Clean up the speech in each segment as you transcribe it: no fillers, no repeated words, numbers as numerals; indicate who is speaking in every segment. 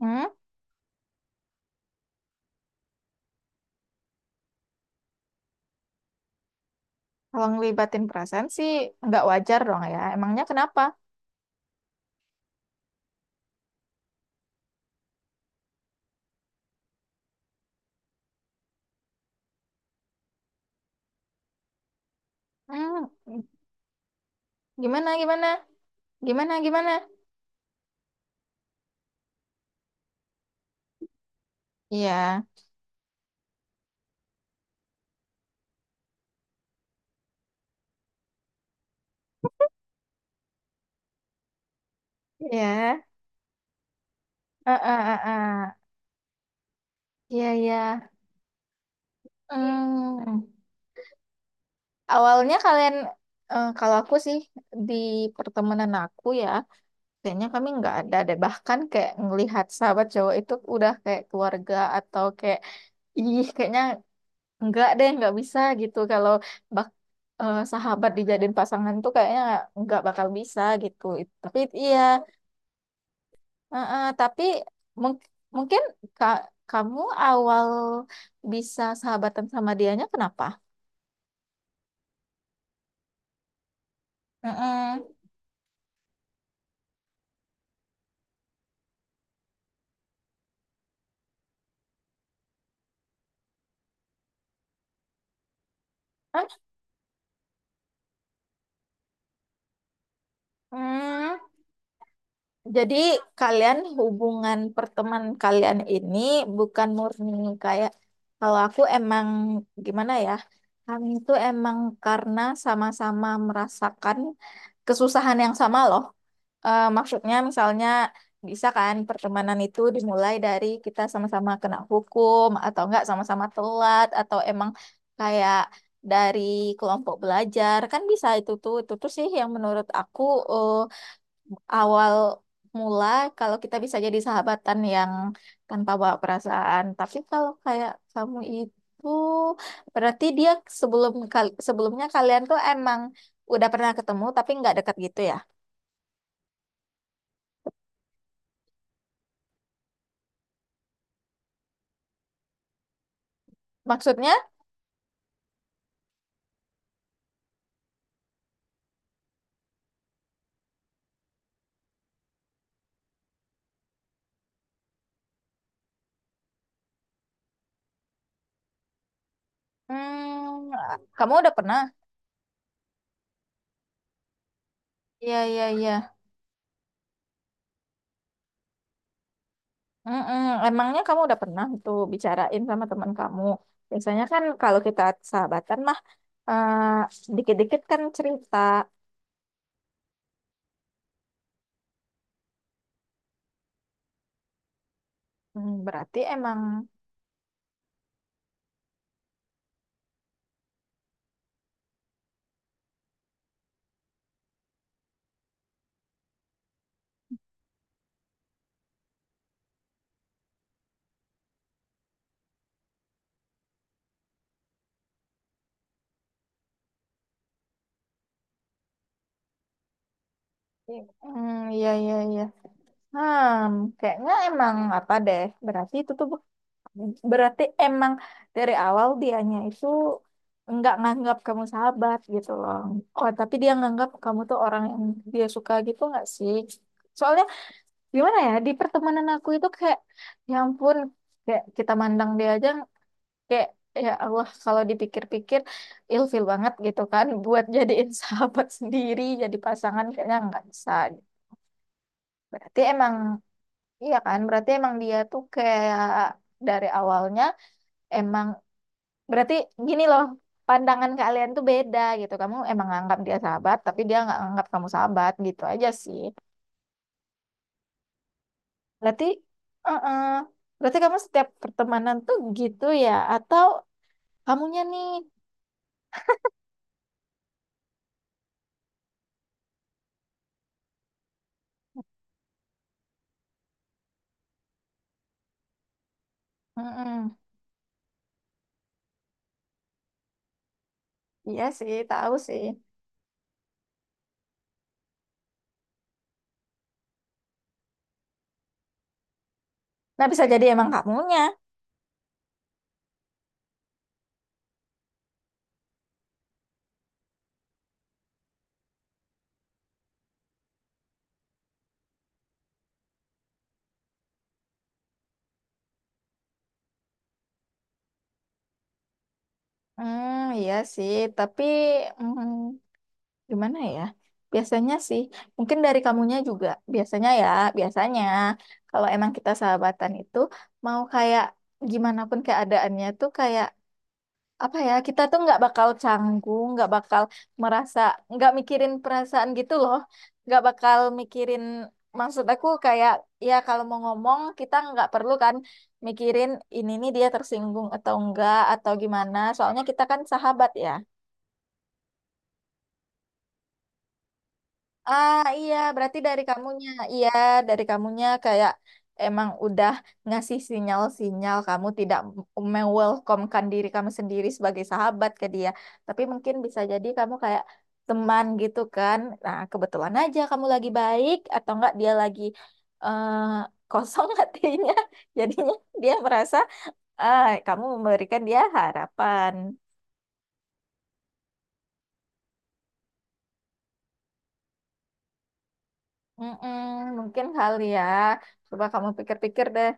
Speaker 1: Hmm, kalau ngelibatin perasaan sih nggak wajar dong ya. Emangnya kenapa? Hmm, gimana, gimana, gimana, gimana? Iya, iya, eh, eh, eh, eh. Iya, iya. Hmm, awalnya kalian, eh, kalau aku sih di pertemanan aku ya, kayaknya kami nggak ada deh. Bahkan kayak ngelihat sahabat cowok itu udah kayak keluarga atau kayak, ih, kayaknya enggak deh, nggak bisa gitu. Kalau bak sahabat dijadiin pasangan tuh kayaknya nggak bakal bisa gitu. Tapi iya. Tapi mung- mungkin ka- kamu awal bisa sahabatan sama dianya kenapa? Heeh. Hah? Hmm. Jadi kalian hubungan perteman kalian ini bukan murni kayak kalau aku emang gimana ya? Kami itu emang karena sama-sama merasakan kesusahan yang sama loh. Eh, maksudnya misalnya bisa kan pertemanan itu dimulai dari kita sama-sama kena hukum atau enggak sama-sama telat atau emang kayak dari kelompok belajar kan bisa itu tuh sih yang menurut aku, eh, awal mula kalau kita bisa jadi sahabatan yang tanpa bawa perasaan. Tapi kalau kayak kamu itu berarti dia sebelumnya kalian tuh emang udah pernah ketemu tapi nggak dekat gitu ya. Maksudnya, hmm, kamu udah pernah? Iya, iya, iya. Mm-mm. Emangnya kamu udah pernah tuh bicarain sama teman kamu? Biasanya kan kalau kita sahabatan mah dikit-dikit kan cerita. Hmm, berarti emang. Hmm, iya iya iya. Hmm, kayaknya emang apa deh. Berarti itu tuh berarti emang dari awal dianya itu nggak nganggap kamu sahabat gitu loh. Oh, tapi dia nganggap kamu tuh orang yang dia suka gitu nggak sih? Soalnya gimana ya, di pertemanan aku itu kayak ya ampun, kayak kita mandang dia aja kayak ya Allah, kalau dipikir-pikir ilfil banget gitu kan buat jadiin sahabat sendiri, jadi pasangan kayaknya nggak bisa. Berarti emang. Iya kan, berarti emang dia tuh kayak dari awalnya emang berarti gini loh, pandangan kalian tuh beda gitu. Kamu emang nganggap dia sahabat, tapi dia nggak nganggap kamu sahabat gitu aja sih. Berarti, uh Berarti kamu setiap pertemanan tuh gitu ya, atau kamunya nih? Mm-mm. Iya sih, tahu sih. Nah, bisa jadi emang kamunya. Hmm, iya sih, tapi, hmm, gimana ya? Biasanya sih, mungkin dari kamunya juga. Biasanya ya, biasanya kalau emang kita sahabatan itu mau kayak gimana pun keadaannya tuh kayak apa ya? Kita tuh nggak bakal canggung, nggak bakal merasa, nggak mikirin perasaan gitu loh. Nggak bakal mikirin, maksud aku kayak ya kalau mau ngomong kita nggak perlu kan mikirin ini nih dia tersinggung atau enggak atau gimana. Soalnya kita kan sahabat ya. Ah, iya, berarti dari kamunya. Iya, dari kamunya kayak emang udah ngasih sinyal-sinyal kamu tidak welcome diri kamu sendiri sebagai sahabat ke dia. Tapi mungkin bisa jadi kamu kayak teman gitu kan. Nah, kebetulan aja kamu lagi baik atau enggak, dia lagi eh, kosong hatinya. Jadinya dia merasa ah, kamu memberikan dia harapan. Mm-mm, mungkin kali ya. Coba kamu pikir-pikir deh.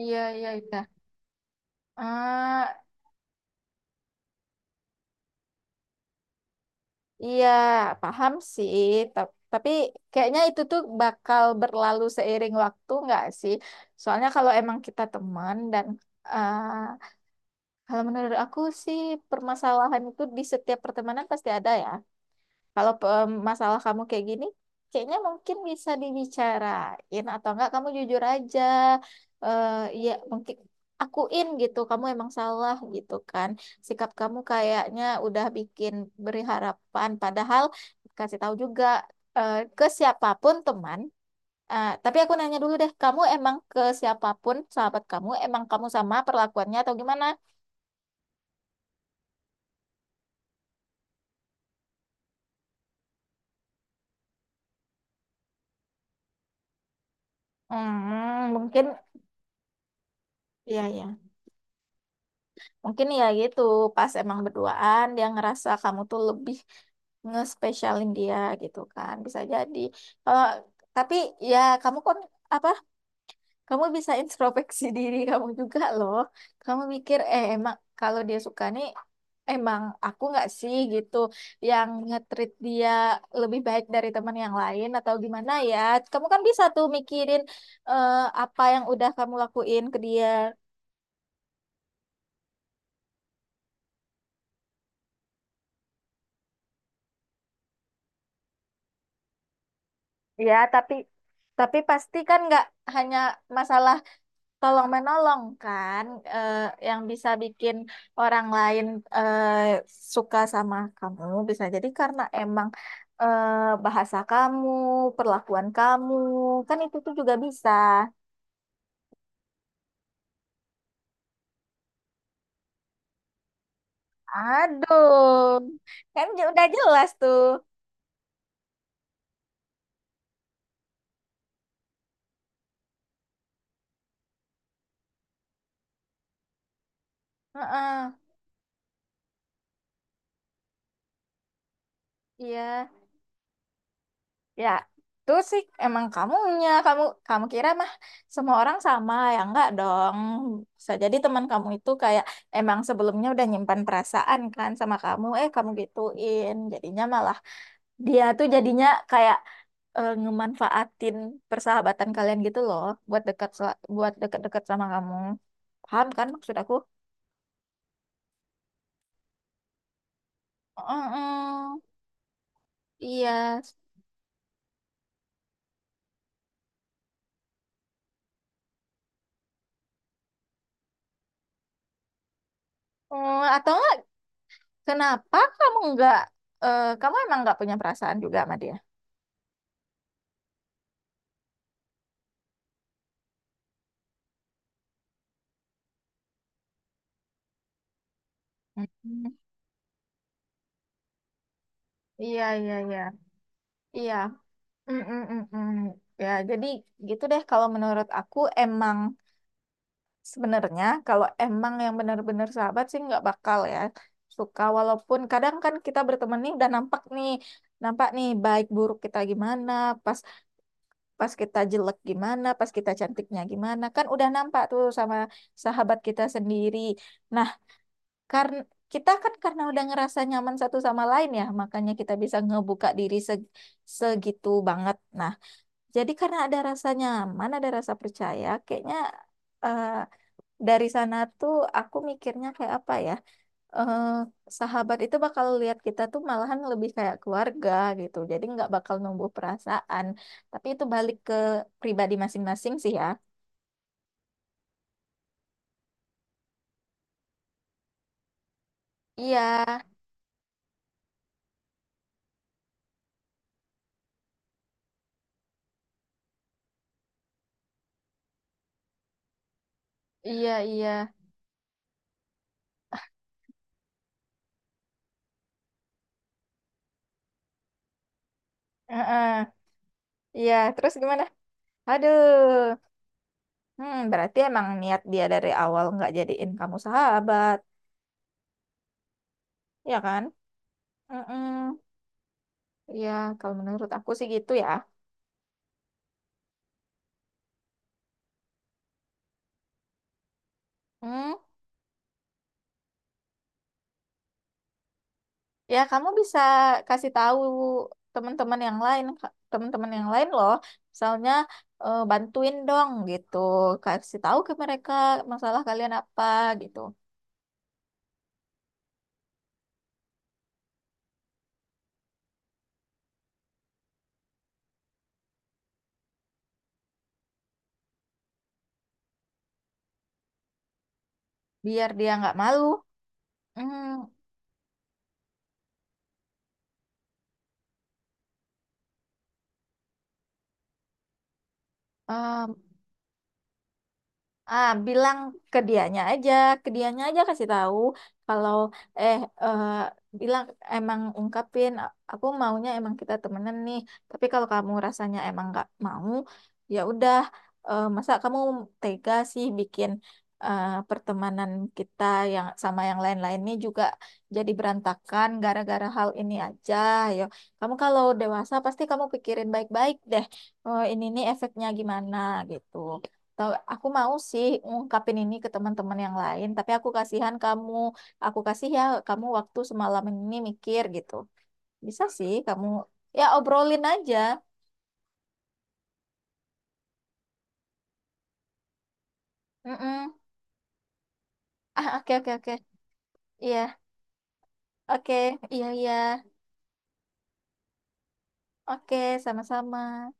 Speaker 1: Iya, iya, iya. Ah, iya, paham sih. Tapi kayaknya itu tuh bakal berlalu seiring waktu nggak sih? Soalnya kalau emang kita teman dan, ah, kalau menurut aku sih permasalahan itu di setiap pertemanan pasti ada ya. Kalau masalah kamu kayak gini, kayaknya mungkin bisa dibicarain atau enggak kamu jujur aja. Eh Ya mungkin akuin gitu, kamu emang salah gitu kan. Sikap kamu kayaknya udah bikin beri harapan, padahal kasih tahu juga ke siapapun teman. Eh, tapi aku nanya dulu deh, kamu emang ke siapapun sahabat kamu, emang kamu sama perlakuannya atau gimana? Hmm, mungkin ya ya. Mungkin ya gitu, pas emang berduaan dia ngerasa kamu tuh lebih ngespesialin dia gitu kan. Bisa jadi. Kalau tapi ya kamu kan apa? Kamu bisa introspeksi diri kamu juga loh. Kamu mikir emang kalau dia suka nih, emang aku nggak sih gitu yang nge-treat dia lebih baik dari teman yang lain atau gimana ya. Kamu kan bisa tuh mikirin eh, apa yang udah kamu lakuin ke dia. Ya, tapi pasti kan nggak hanya masalah tolong menolong kan eh, yang bisa bikin orang lain eh, suka sama kamu bisa jadi karena emang bahasa kamu, perlakuan kamu, kan itu tuh juga bisa. Aduh, kan udah jelas tuh. Heeh, iya. Ya, itu sih emang kamunya. Kamu kamu kira mah semua orang sama, ya enggak dong. Bisa jadi teman kamu itu kayak emang sebelumnya udah nyimpan perasaan kan sama kamu, eh, kamu gituin. Jadinya malah dia tuh jadinya kayak ngemanfaatin persahabatan kalian gitu loh, buat dekat-dekat sama kamu. Paham kan maksud aku? Mm-mm. Iya. Atau enggak, kenapa kamu enggak, kamu emang enggak punya perasaan juga sama dia? Mm, iya, iya, iya. Iya. Mm, mm, mm, mm. Ya, jadi gitu deh, kalau menurut aku emang sebenarnya kalau emang yang benar-benar sahabat sih nggak bakal ya suka, walaupun kadang kan kita berteman nih udah nampak nih, baik buruk kita gimana, pas pas kita jelek gimana, pas kita cantiknya gimana, kan udah nampak tuh sama sahabat kita sendiri. Nah, karena kita kan karena udah ngerasa nyaman satu sama lain ya, makanya kita bisa ngebuka diri segitu banget. Nah, jadi karena ada rasa nyaman, ada rasa percaya, kayaknya eh, dari sana tuh aku mikirnya kayak apa ya? eh, Sahabat itu bakal lihat kita tuh malahan lebih kayak keluarga gitu. Jadi nggak bakal numbuh perasaan, tapi itu balik ke pribadi masing-masing sih ya. Iya, iya, iya. Heeh. Iya, terus gimana? Aduh. Hmm, berarti emang niat dia dari awal nggak jadiin kamu sahabat, ya kan? Mm-mm. Ya, kalau menurut aku sih gitu ya. Hmm, ya kamu bisa kasih tahu teman-teman yang lain, Kak. Teman-teman yang lain loh. Misalnya bantuin dong gitu, kasih tahu ke mereka masalah kalian apa gitu, biar dia nggak malu. Hmm, eh, ah, bilang ke dianya aja, ke dianya aja kasih tahu kalau eh eh, bilang emang ungkapin, Aku maunya emang kita temenan nih. Tapi kalau kamu rasanya emang nggak mau, ya udah, masa kamu tega sih bikin pertemanan kita yang sama yang lain-lain ini juga jadi berantakan gara-gara hal ini aja. Yo, kamu kalau dewasa pasti kamu pikirin baik-baik deh. Oh, ini nih efeknya gimana gitu. Tahu, aku mau sih ngungkapin ini ke teman-teman yang lain, tapi aku kasihan kamu. Aku kasih ya kamu waktu semalam ini mikir gitu. Bisa sih kamu, ya obrolin aja. Mm-mm. Ah, oke oke oke. Iya. Oke. Iya iya. Oke, sama-sama.